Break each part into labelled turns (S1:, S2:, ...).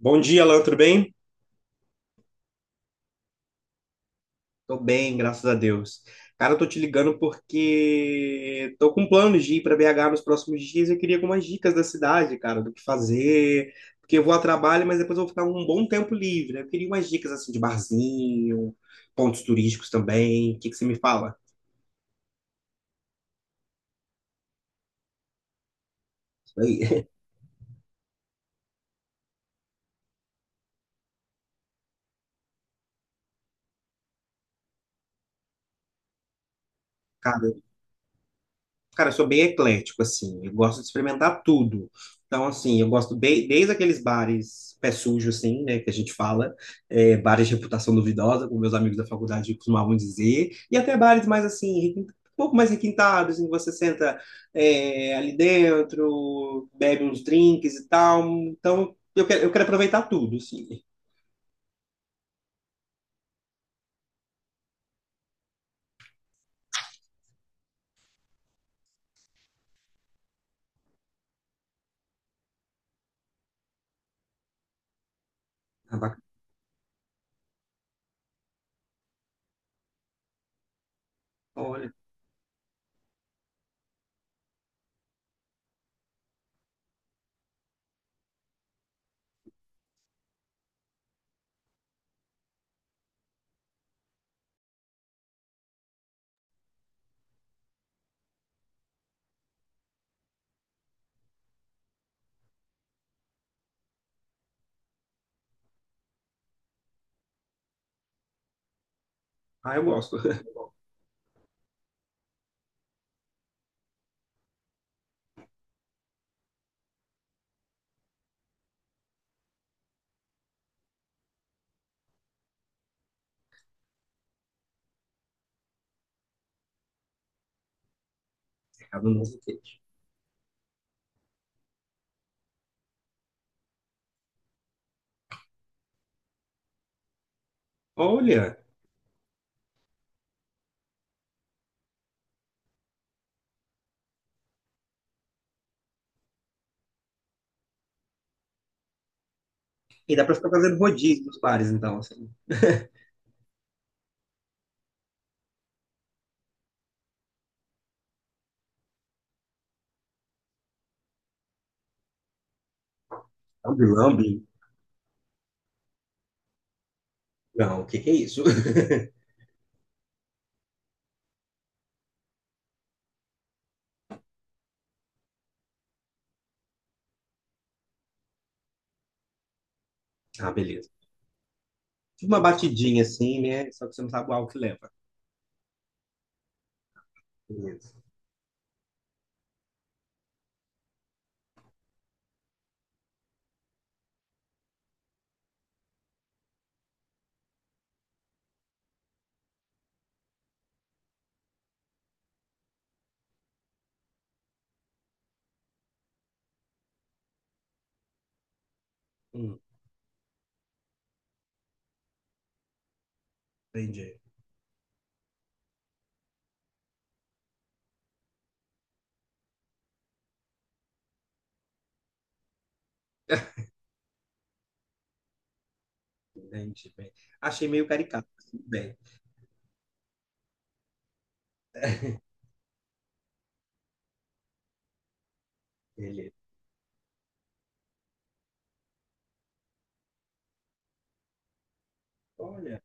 S1: Bom dia, Alan, tudo bem? Tô bem, graças a Deus. Cara, eu tô te ligando porque tô com planos de ir para BH nos próximos dias e eu queria algumas dicas da cidade, cara, do que fazer, porque eu vou a trabalho, mas depois eu vou ficar um bom tempo livre, né? Eu queria umas dicas assim de barzinho, pontos turísticos também. O que que você me fala? Isso aí. Cara, eu sou bem eclético, assim. Eu gosto de experimentar tudo. Então, assim, eu gosto bem, desde aqueles bares pé sujo, assim, né, que a gente fala, bares de reputação duvidosa, como meus amigos da faculdade costumavam dizer, e até bares mais, assim, um pouco mais requintados, em que você senta ali dentro, bebe uns drinks e tal. Então, eu quero aproveitar tudo, assim. Ah, bacana. Olha, ah, eu gosto. Mercado Novo Queijo. Olha, e dá pra ficar fazendo rodízio nos bares, então, assim. Lambe. Não, o que que é isso? Ah, beleza. Tipo uma batidinha assim, né? Só que você não sabe o álcool que leva. Beleza. Hum, entendi. Entendi, bem. Achei meio caricato, mas tudo bem, beleza. Olha,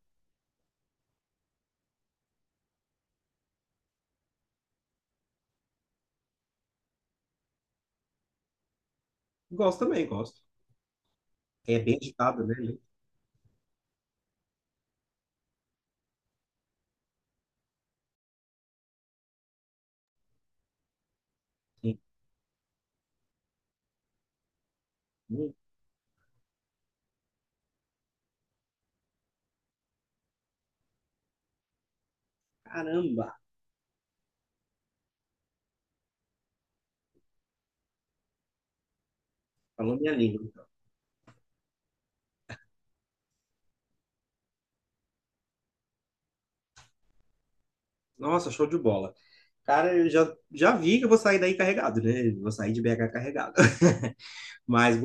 S1: gosto também, gosto. É bem ditado, né? Link? Sim. Hum. Caramba, falou minha língua, então. Nossa, show de bola. Cara, já vi que eu vou sair daí carregado, né? Eu vou sair de BH carregado. Mas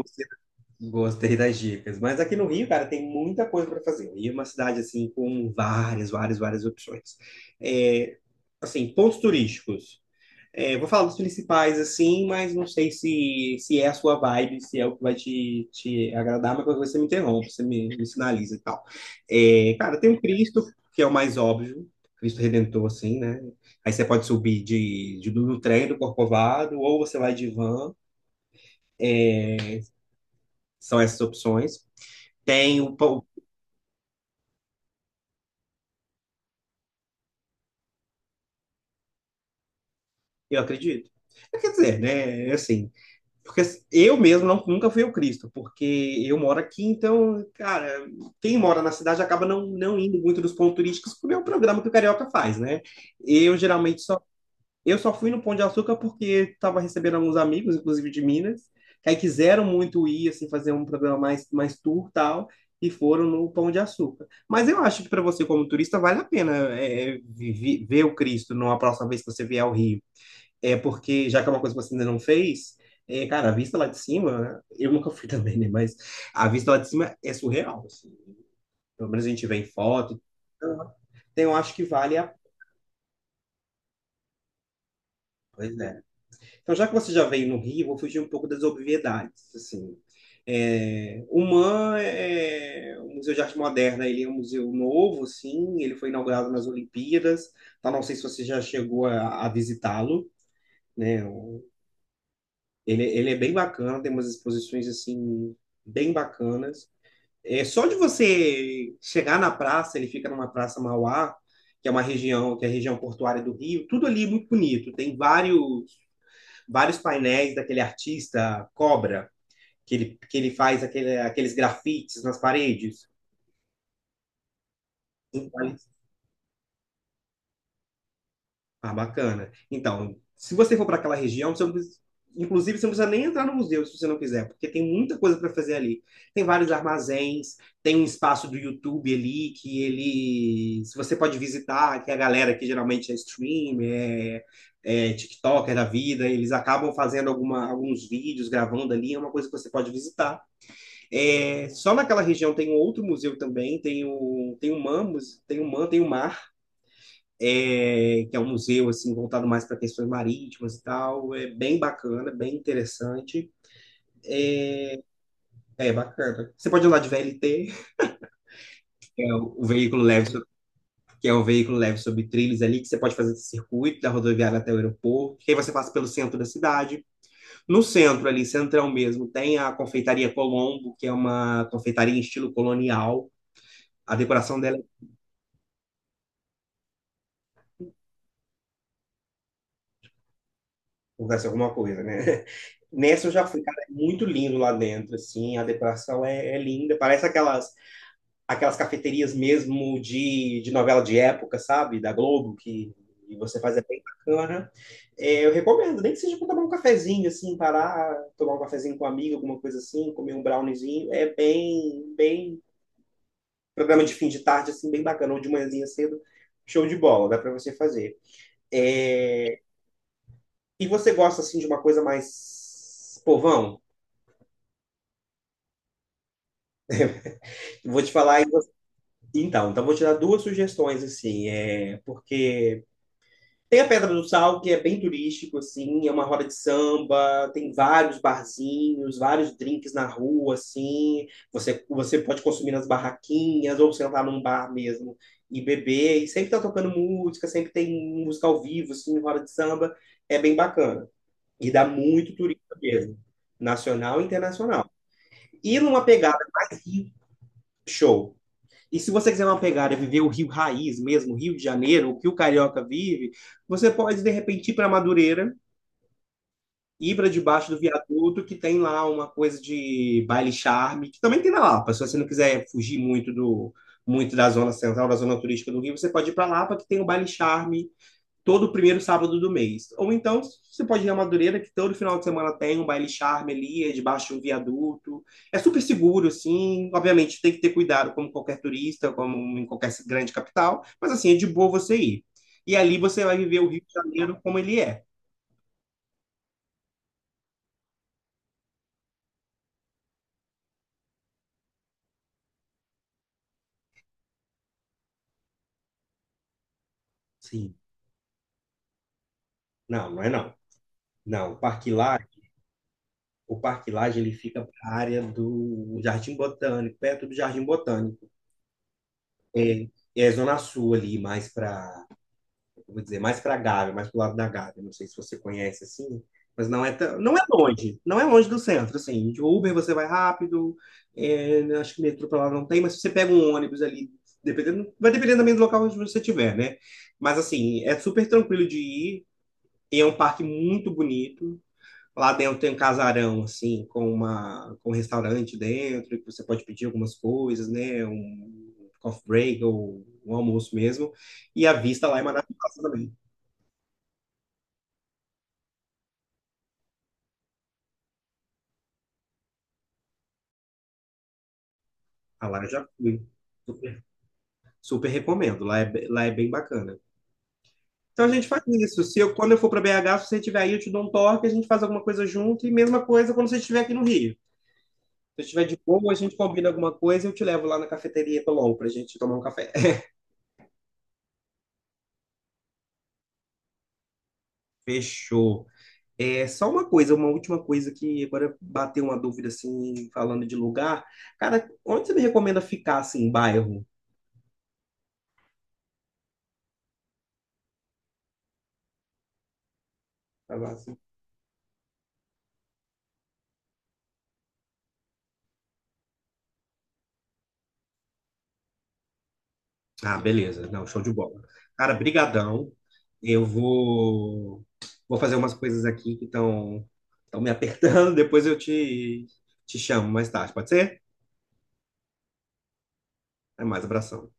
S1: gostei das dicas. Mas aqui no Rio, cara, tem muita coisa para fazer. O Rio é uma cidade, assim, com várias, várias opções. É, assim, pontos turísticos. É, vou falar dos principais, assim, mas não sei se é a sua vibe, se é o que vai te agradar, mas qualquer coisa você me interrompe, me sinaliza e tal. É, cara, tem o Cristo, que é o mais óbvio, Cristo Redentor, assim, né? Aí você pode subir do trem do Corcovado, ou você vai de van, são essas opções. Tem o... Eu acredito. É, quer dizer, né? É assim, porque eu mesmo nunca fui ao Cristo, porque eu moro aqui, então, cara, quem mora na cidade acaba não indo muito nos pontos turísticos, porque é um programa que o carioca faz, né? Eu geralmente só, eu só fui no Pão de Açúcar porque estava recebendo alguns amigos, inclusive de Minas, que aí quiseram muito ir, assim, fazer um programa mais, mais tour tal, e foram no Pão de Açúcar. Mas eu acho que para você, como turista, vale a pena ver o Cristo numa próxima vez que você vier ao Rio. É porque, já que é uma coisa que você ainda não fez, é, cara, a vista lá de cima, né? Eu nunca fui também, né? Mas a vista lá de cima é surreal, assim. Pelo menos a gente vê em foto. Então, eu acho que vale a. Pois é. Então, já que você já veio no Rio, eu vou fugir um pouco das obviedades, assim. É, o MAM é o Museu de Arte Moderna, ele é um museu novo, sim, ele foi inaugurado nas Olimpíadas, então não sei se você já chegou a visitá-lo, né? Ele é bem bacana, tem umas exposições assim bem bacanas. É só de você chegar na praça, ele fica numa praça Mauá, que é uma região, que é a região portuária do Rio, tudo ali é muito bonito. Tem vários painéis daquele artista Cobra, que ele faz aquele, aqueles grafites nas paredes. Ah, bacana. Então, se você for para aquela região, você não precisa- inclusive você não precisa nem entrar no museu se você não quiser, porque tem muita coisa para fazer ali. Tem vários armazéns, tem um espaço do YouTube ali que ele, se você pode visitar, que a galera que geralmente é stream, é TikToker da vida, eles acabam fazendo alguma, alguns vídeos, gravando ali, é uma coisa que você pode visitar. É, só naquela região tem um outro museu também, tem o MAM, tem o man, tem o MAR, é, que é um museu assim voltado mais para questões marítimas e tal. É bem bacana, bem interessante. É bacana. Você pode ir lá de VLT, que é o veículo que é o veículo leve sobre trilhos ali, que você pode fazer esse circuito da rodoviária até o aeroporto. E aí você passa pelo centro da cidade. No centro ali, centrão mesmo, tem a Confeitaria Colombo, que é uma confeitaria em estilo colonial. A decoração dela acontece alguma coisa, né? Nessa eu já fui, cara, é muito lindo lá dentro, assim, a decoração é linda, parece aquelas aquelas cafeterias mesmo de novela de época, sabe? Da Globo, que você faz é bem bacana. É, eu recomendo, nem que seja para tomar um cafezinho, assim, parar, tomar um cafezinho com um amigo, alguma coisa assim, comer um browniezinho. É bem, bem. Programa de fim de tarde, assim, bem bacana, ou de manhãzinha cedo. Show de bola, dá para você fazer. É. E você gosta, assim, de uma coisa mais povão? Vou te falar. E você... Então, então vou te dar duas sugestões, assim, é... porque tem a Pedra do Sal, que é bem turístico, assim, é uma roda de samba, tem vários barzinhos, vários drinks na rua, assim. Você pode consumir nas barraquinhas ou sentar num bar mesmo e beber. E sempre tá tocando música, sempre tem música ao vivo, assim, roda de samba. É bem bacana. E dá muito turista mesmo, nacional e internacional. E numa pegada mais hippie, show. E se você quiser uma pegada, viver o Rio Raiz mesmo, Rio de Janeiro, o que o carioca vive, você pode, de repente, ir para Madureira, ir para debaixo do viaduto, que tem lá uma coisa de baile charme, que também tem na Lapa. Se você não quiser fugir muito da zona central, da zona turística do Rio, você pode ir para Lapa, que tem o baile charme, todo primeiro sábado do mês. Ou então, você pode ir a Madureira, que todo final de semana tem um baile charme ali, é debaixo de um viaduto. É super seguro, assim. Obviamente, tem que ter cuidado, como qualquer turista, como em qualquer grande capital. Mas, assim, é de boa você ir. E ali você vai viver o Rio de Janeiro como ele é. Sim. Não, não é não. Não, o Parque Lage, ele fica para a área do Jardim Botânico, perto do Jardim Botânico. É, é Zona Sul ali, mais para eu vou dizer, mais para a Gávea, mais para o lado da Gávea. Não sei se você conhece assim, mas não é tão, não é longe do centro, assim. De Uber você vai rápido, é, acho que metrô para lá não tem, mas se você pega um ônibus ali, dependendo, vai dependendo também do local onde você estiver, né? Mas assim, é super tranquilo de ir, e é um parque muito bonito. Lá dentro tem um casarão, assim, com, uma, com um restaurante dentro, que você pode pedir algumas coisas, né? Um coffee break ou um almoço mesmo. E a vista lá é maravilhosa também. Ah, lá eu já fui. Super recomendo. Lá é, lá é bem bacana. Então a gente faz isso. Se eu, quando eu for para BH, se você estiver aí, eu te dou um toque, a gente faz alguma coisa junto. E mesma coisa quando você estiver aqui no Rio. Se eu estiver de boa, a gente combina alguma coisa e eu te levo lá na cafeteria Tolol pra gente tomar um café. Fechou. É só uma coisa, uma última coisa que agora bateu uma dúvida assim, falando de lugar. Cara, onde você me recomenda ficar assim, em bairro? Pra lá? Ah, beleza. Não, show de bola. Cara, brigadão. Eu vou vou fazer umas coisas aqui que estão me apertando. Depois eu te te chamo mais tarde, pode ser? Até mais, abração.